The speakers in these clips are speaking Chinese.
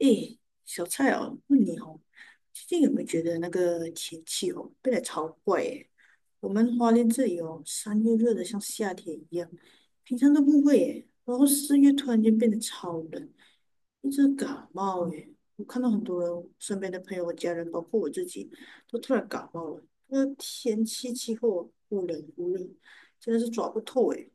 诶，小蔡哦，问你哦，最近有没有觉得那个天气哦变得超怪诶？我们花莲这里哦，三月热得像夏天一样，平常都不会诶，然后四月突然间变得超冷，一直感冒诶。我看到很多人身边的朋友、家人，包括我自己，都突然感冒了。那天气气候忽冷忽热，真的是抓不透诶。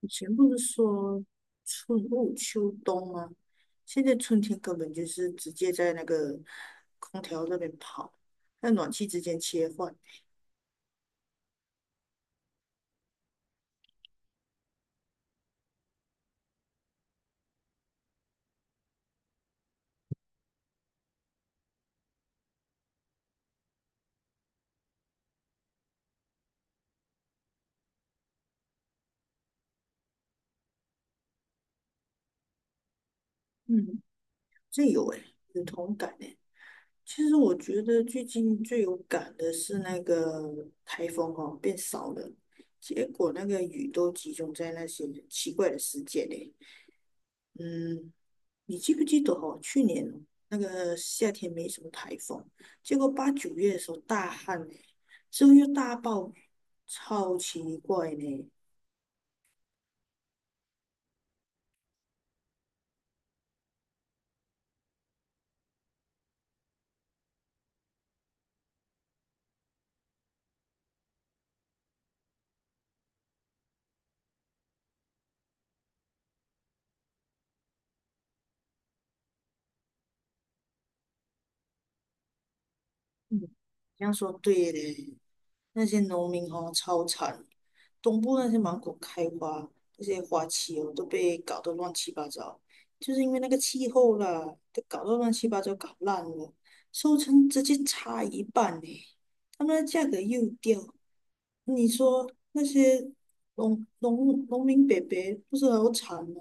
以前不是说春捂秋冬吗？现在春天根本就是直接在那个空调那边跑，在暖气之间切换。嗯，这有诶，有同感诶。其实我觉得最近最有感的是那个台风哦，变少了，结果那个雨都集中在那些奇怪的时节嘞。嗯，你记不记得哦？去年那个夏天没什么台风，结果八九月的时候大旱呢，之后又大暴雨，超奇怪呢。嗯，这样说对嘞，那些农民哦超惨，东部那些芒果开花，那些花期哦都被搞得乱七八糟，就是因为那个气候啦，都搞到乱七八糟，搞烂了，收成直接差一半呢，他们的价格又掉。你说那些农民伯伯不是很有产吗？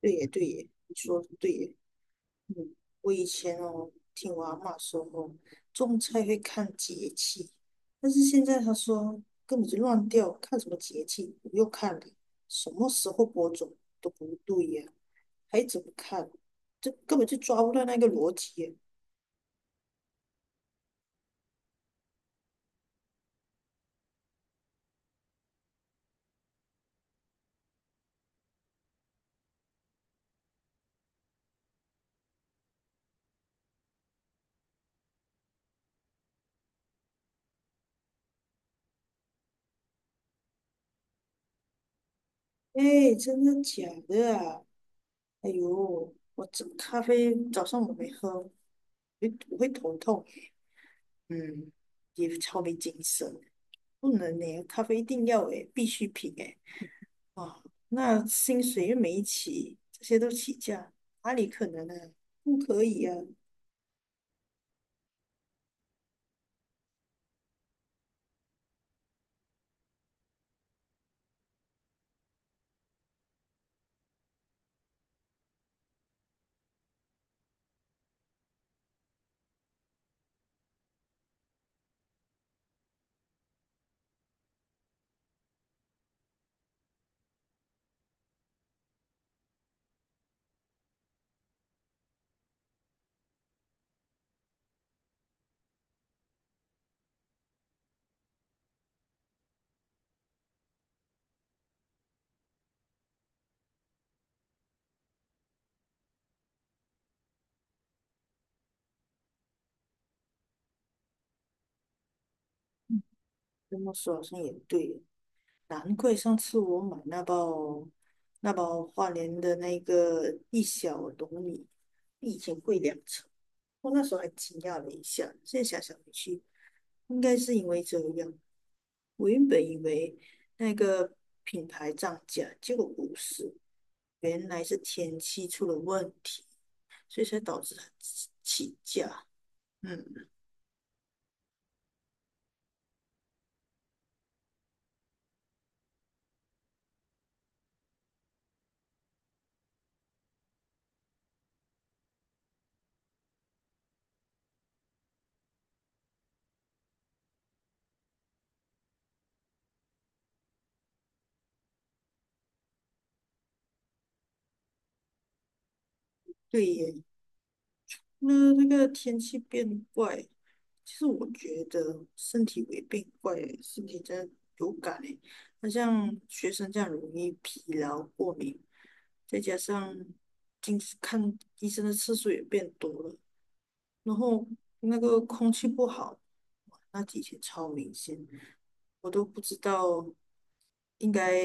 对耶，对耶，你说的对耶。嗯，我以前哦，听我阿嬷说哦，种菜会看节气，但是现在她说根本就乱掉，看什么节气？不用看了，什么时候播种都不对呀，还怎么看？这根本就抓不到那个逻辑耶。哎，真的假的啊？哎呦，我这咖啡早上我没喝，我会头痛，嗯，也超没精神，不能呢，咖啡一定要诶，必需品诶，啊，那薪水又没起，这些都起价，哪里可能呢、不可以啊，这么说好像也对，难怪上次我买那包花莲的那个一小笼米，比以前贵两成，我那时候还惊讶了一下，现在想想回去。应该是因为这样。我原本以为那个品牌涨价，结果不是，原来是天气出了问题，所以才导致它起价。嗯，对耶。那那个天气变怪，其实我觉得身体也变怪耶，身体真的有感诶。那像学生这样容易疲劳、过敏，再加上近视看医生的次数也变多了，然后那个空气不好，那几天超明显，我都不知道应该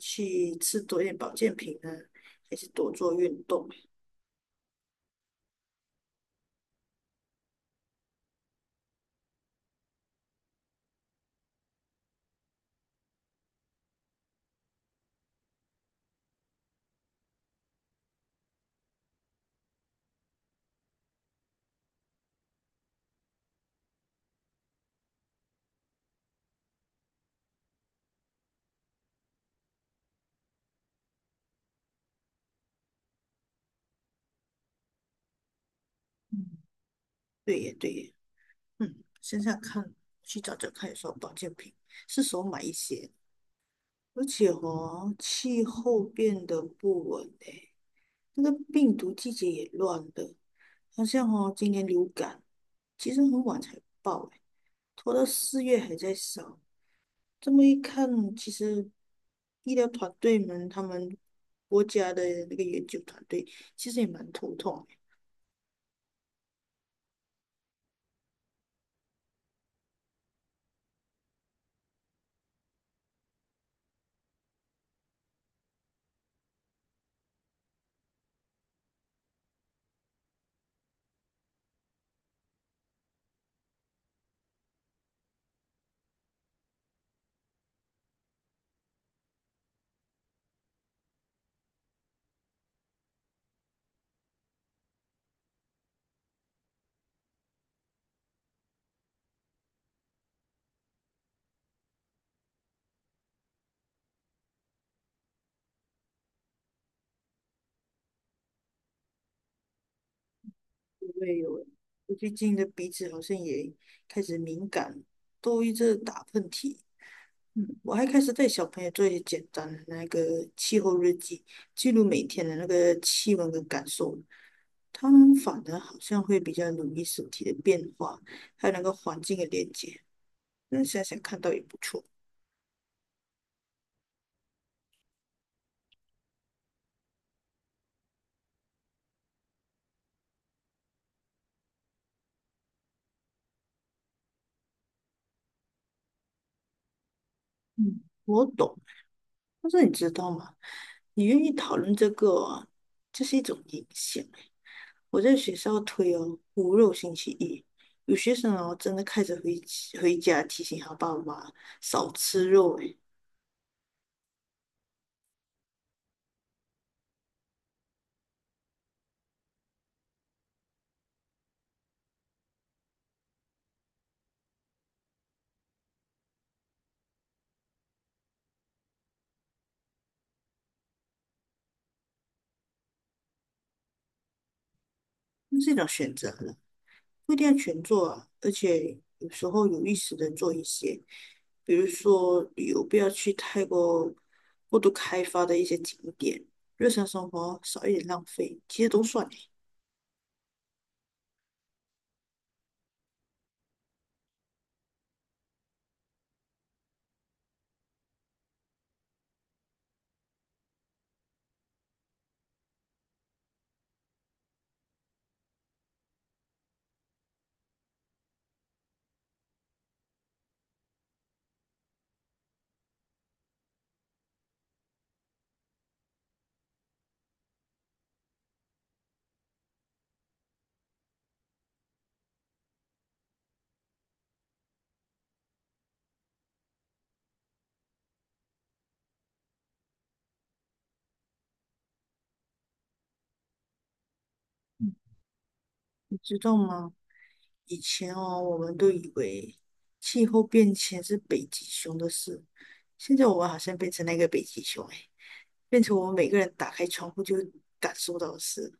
去吃多一点保健品呢，还是多做运动。嗯，对耶，对耶，嗯，想想看，去找找看有什么保健品，是时候买一些。而且哦，气候变得不稳诶，那个病毒季节也乱的，好像哦，今年流感其实很晚才爆诶，拖到四月还在烧。这么一看，其实医疗团队们，他们国家的那个研究团队，其实也蛮头痛的。因为有，我最近的鼻子好像也开始敏感，都一直打喷嚏。嗯，我还开始带小朋友做一些简单的那个气候日记，记录每天的那个气温跟感受。他们反而好像会比较留意身体的变化，还有那个环境的连接。那想想看到也不错。嗯，我懂。但是你知道吗？你愿意讨论这个啊，这是一种影响欸。我在学校推哦，无肉星期一，有学生哦真的开始回家提醒他爸妈少吃肉诶，那是一种选择了，不一定要全做啊。而且有时候有意识的做一些，比如说旅游不要去过度开发的一些景点，日常生活少一点浪费，其实都算欸，你知道吗？以前哦，我们都以为气候变迁是北极熊的事，现在我们好像变成那个北极熊，哎，变成我们每个人打开窗户就感受到的事。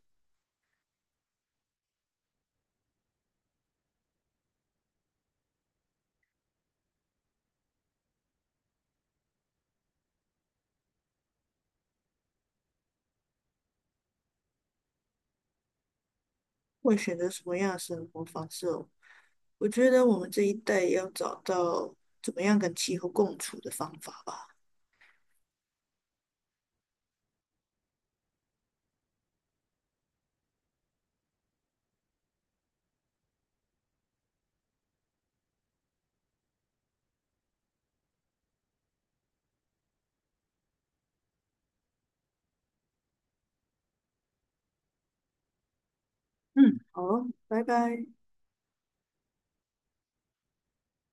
会选择什么样的生活方式哦？我觉得我们这一代要找到怎么样跟气候共处的方法吧。嗯，好哦拜拜。